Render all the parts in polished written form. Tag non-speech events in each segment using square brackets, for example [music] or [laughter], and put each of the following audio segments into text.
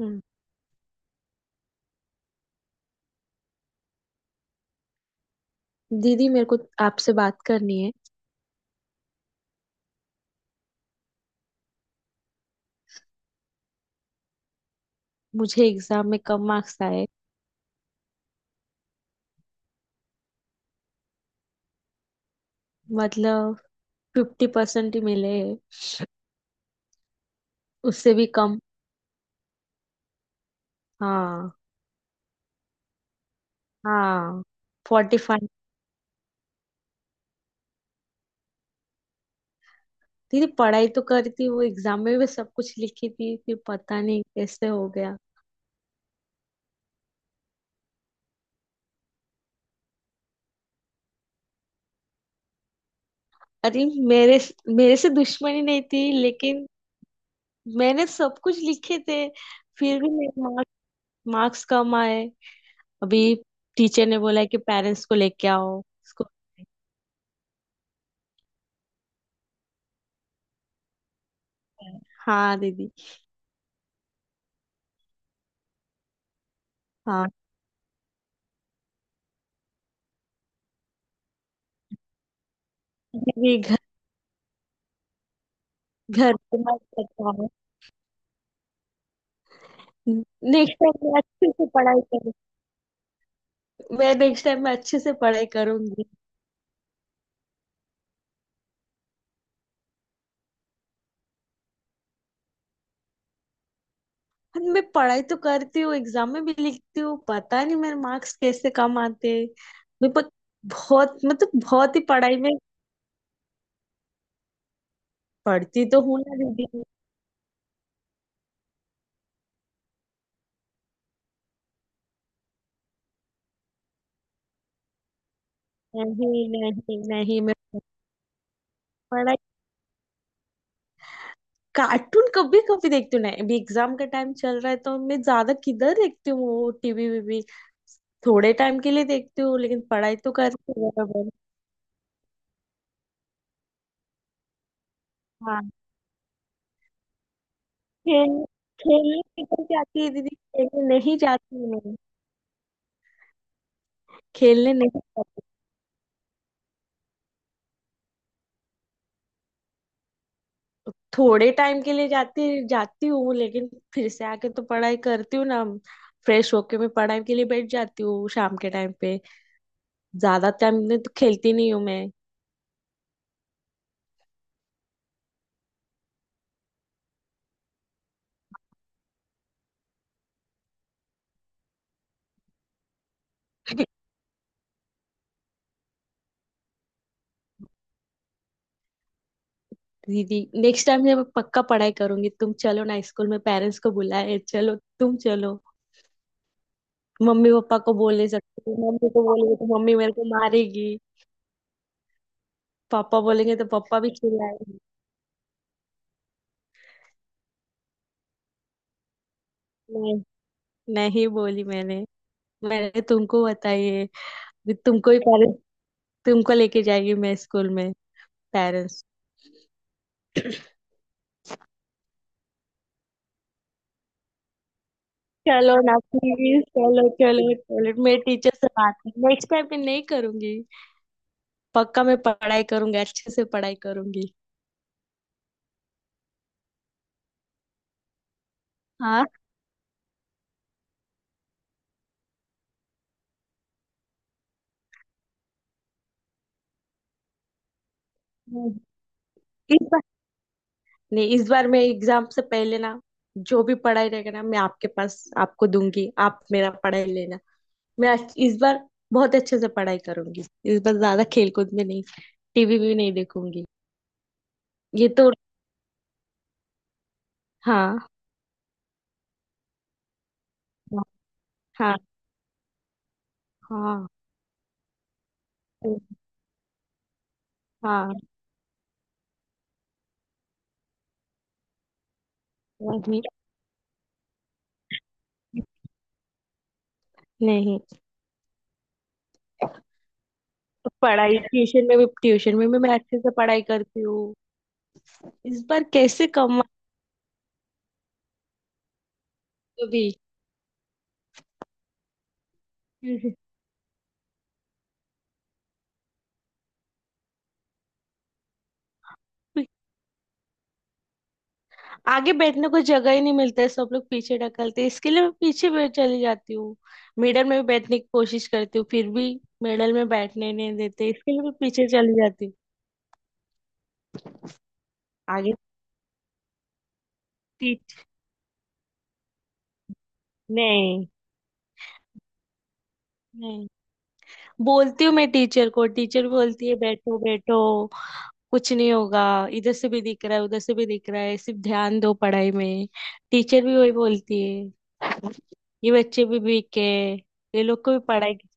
हम्म। दीदी मेरे को आपसे बात करनी है। मुझे एग्जाम में कम मार्क्स आए। मतलब 50% ही मिले। उससे भी कम। हाँ। हाँ। 45। दीदी, पढ़ाई तो करी थी, वो एग्जाम में भी सब कुछ लिखी थी, फिर पता नहीं कैसे हो गया। अरे मेरे मेरे से दुश्मनी नहीं थी, लेकिन मैंने सब कुछ लिखे थे, फिर भी मेरे मार्क्स मार्क्स कम आए। अभी टीचर ने बोला है कि पेरेंट्स को लेके आओ स्कूल। हाँ दीदी। हाँ जी। घर घर पे मत बताओ। नेक्स्ट टाइम मैं अच्छे से पढ़ाई करूंगी। मैं नेक्स्ट टाइम मैं अच्छे से पढ़ाई करूंगी। और मैं पढ़ाई तो करती हूँ, एग्जाम में भी लिखती हूँ, पता नहीं मेरे मार्क्स कैसे कम आते हैं। मैं पर बहुत, मतलब, बहुत ही पढ़ाई में। पढ़ती तो हूँ ना दीदी। नहीं, नहीं, नहीं, मैं पढ़ाई, कार्टून कभी कभी देखती हूँ ना। अभी एग्जाम का टाइम चल रहा है तो मैं ज्यादा किधर देखती हूँ टीवी वीवी। थोड़े टाइम के लिए देखती हूँ, लेकिन पढ़ाई तो करती हूँ। हाँ, खेल खेलने निकल जाती है दीदी। खेलने नहीं जाती हूँ मैं, खेलने नहीं जाती हूँ। थोड़े टाइम के लिए जाती जाती हूँ, लेकिन फिर से आके तो पढ़ाई करती हूँ ना। फ्रेश होके मैं पढ़ाई के लिए बैठ जाती हूँ शाम के टाइम पे। ज्यादा टाइम में तो खेलती नहीं हूँ मैं। [laughs] दीदी, नेक्स्ट टाइम से मैं पक्का पढ़ाई करूंगी। तुम चलो ना स्कूल में, पेरेंट्स को बुलाए। चलो तुम, चलो। मम्मी पापा को बोल नहीं सकती। मम्मी को बोलेंगे तो मम्मी मेरे को मारेगी। पापा बोलेंगे तो पापा भी चिल्लाएंगे। नहीं बोली मैंने मैंने तुमको बताई है कि तुमको ही पेरेंट्स, तुमको लेके जाएगी मैं स्कूल में पेरेंट्स। चलो ना, प्लीज, चलो, चलो, चलो। मैं टीचर से बात। नेक्स्ट टाइम मैं नहीं करूंगी, पक्का मैं पढ़ाई करूंगी, अच्छे से पढ़ाई करूंगी। हाँ। इस बार नहीं, इस बार मैं एग्जाम से पहले ना, जो भी पढ़ाई रहेगा ना मैं आपके पास आपको दूंगी, आप मेरा पढ़ाई लेना। इस बार बहुत अच्छे से पढ़ाई करूंगी। इस बार ज्यादा खेलकूद में नहीं, टीवी भी नहीं देखूंगी। ये तो। हाँ, हाँ, हाँ, हाँ। वही। नहीं। पढ़ाई, ट्यूशन में भी मैं अच्छे से पढ़ाई करती हूँ। इस बार कैसे कमाऊँ अभी। [laughs] आगे बैठने को जगह ही नहीं मिलता है, सब लोग पीछे ढकलते हैं। इसके लिए मैं पीछे बैठ चली जाती हूँ। मिडल में भी बैठने की कोशिश करती हूँ, फिर भी मिडल में बैठने नहीं देते। इसके लिए मैं पीछे चली जाती हूँ। आगे। टीच नहीं, नहीं, बोलती हूँ मैं टीचर को, टीचर बोलती है बैठो, बैठो, कुछ नहीं होगा, इधर से भी दिख रहा है उधर से भी दिख रहा है, सिर्फ ध्यान दो पढ़ाई में। टीचर भी वही बोलती है, ये बच्चे भी वीक है, ये लोग को भी पढ़ाई की-।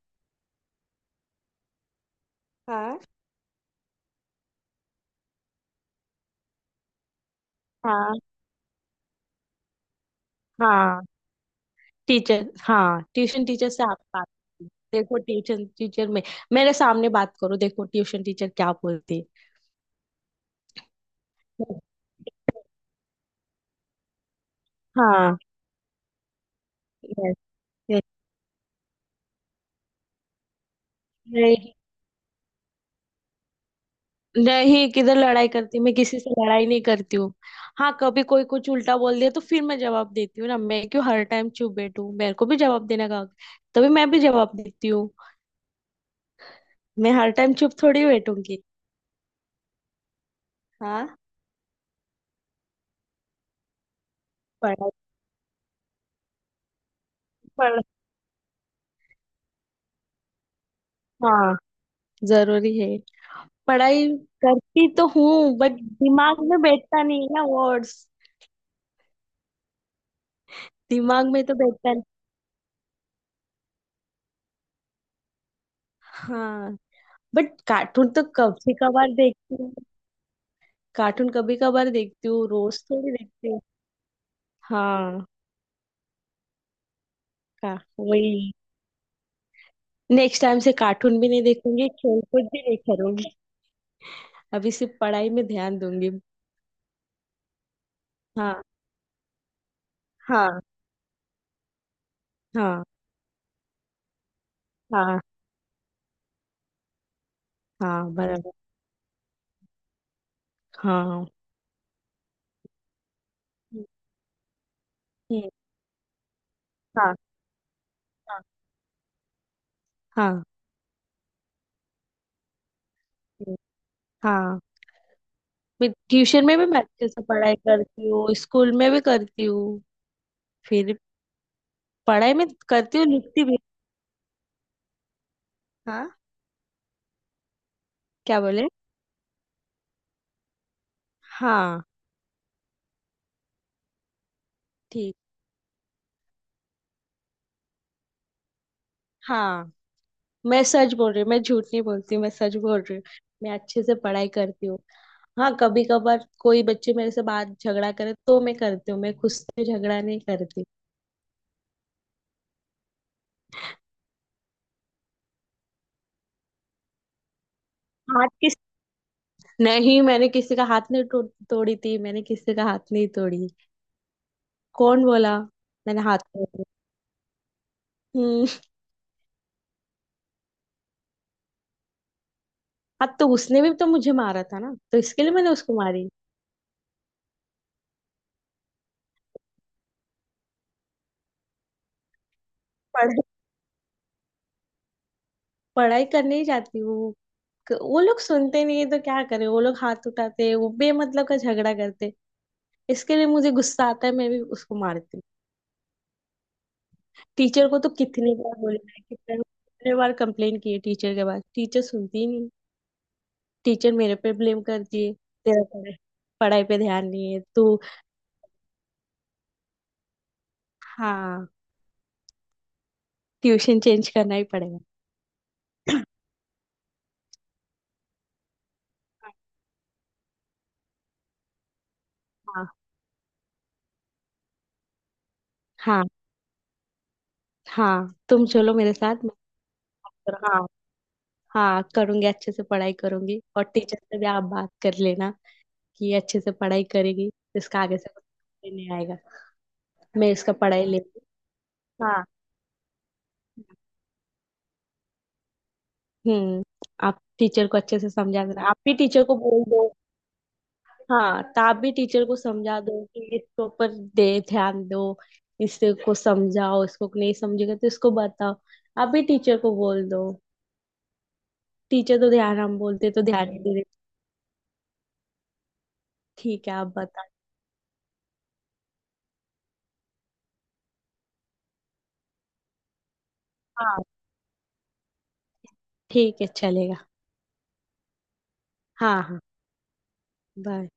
[laughs] हाँ, हाँ, हाँ। टीचर, हाँ, ट्यूशन टीचर से आप बात कीजिए। देखो ट्यूशन टीचर में, मेरे सामने बात करो, देखो ट्यूशन टीचर क्या बोलती है। हाँ। यस। नहीं, किधर लड़ाई करती, मैं किसी से लड़ाई नहीं करती हूँ। हाँ, कभी कोई कुछ उल्टा बोल दिया तो फिर मैं जवाब देती हूँ ना। मैं क्यों हर टाइम चुप बैठूं, मेरे को भी जवाब देने का हक-। तभी मैं भी जवाब देती हूँ। मैं हर टाइम चुप थोड़ी बैठूंगी। हाँ। पढ़ाई। पढ़ हाँ, जरूरी है। पढ़ाई करती तो हूँ बट दिमाग में बैठता नहीं है ना, वर्ड्स दिमाग में तो बैठता नहीं। हाँ। बट कार्टून तो कभी कभार देखती हूँ, कार्टून कभी कभार देखती हूँ, रोज थोड़ी देखती हूँ। हाँ। का वही। नेक्स्ट टाइम से कार्टून भी नहीं देखूंगी, खेलकूद भी नहीं करूंगी, अभी सिर्फ पढ़ाई में ध्यान दूंगी। हाँ। हाँ। हाँ। हाँ। हाँ बराबर। हाँ। हम्म। हम्म। हाँ। हाँ। हाँ। हम्म। हाँ। मैं ट्यूशन में भी मैं अच्छे से पढ़ाई करती हूँ, स्कूल में भी करती हूँ, फिर पढ़ाई में करती हूँ, लिखती भी। हाँ। क्या बोले। हाँ। ठीक। हाँ। मैं सच बोल रही हूँ, मैं झूठ नहीं बोलती, मैं सच बोल रही हूँ। मैं अच्छे से पढ़ाई करती हूँ। हाँ, कभी कभार कोई बच्चे मेरे से बात झगड़ा करे तो मैं करती हूँ, मैं खुद से झगड़ा नहीं करती। हाथ किस। नहीं, मैंने किसी का हाथ नहीं तोड़ी थी। मैंने किसी का हाथ नहीं तोड़ी। कौन बोला? मैंने हाथ तोड़ी? हम्म। अब तो उसने भी तो मुझे मारा था ना, तो इसके लिए मैंने उसको मारी। पढ़, पढ़ाई करने ही जाती हूँ। वो लोग सुनते नहीं है तो क्या करे, वो लोग हाथ उठाते, वो बेमतलब का झगड़ा करते, इसके लिए मुझे गुस्सा आता है, मैं भी उसको मारती हूँ। टीचर को तो कितनी बार बोला है, कितने कितने बार कंप्लेन की है टीचर के पास, टीचर सुनती ही नहीं। टीचर मेरे पे ब्लेम करती है, तेरा पढ़ाई पढ़ाई पे ध्यान नहीं है तू। हाँ। ट्यूशन चेंज करना ही पड़ेगा। हाँ। हाँ। हाँ, तुम चलो मेरे साथ। मैं। हाँ। हाँ, करूंगी, अच्छे से पढ़ाई करूंगी। और टीचर से भी आप बात कर लेना कि ये अच्छे से पढ़ाई करेगी, इसका आगे से कुछ नहीं आएगा। मैं इसका पढ़ाई लेती हूँ। हाँ। हम्म। आप टीचर को अच्छे से समझा देना, आप भी टीचर को बोल दो। हाँ, तो आप भी टीचर को समझा दो कि इसके ऊपर दे ध्यान दो, इससे को समझाओ, इसको नहीं समझेगा तो इसको बताओ, आप भी टीचर को बोल दो। टीचर तो ध्यान, हम बोलते तो ध्यान नहीं दे रहे। ठीक है, आप बता। हाँ, ठीक है, चलेगा। हाँ। हाँ। बाय।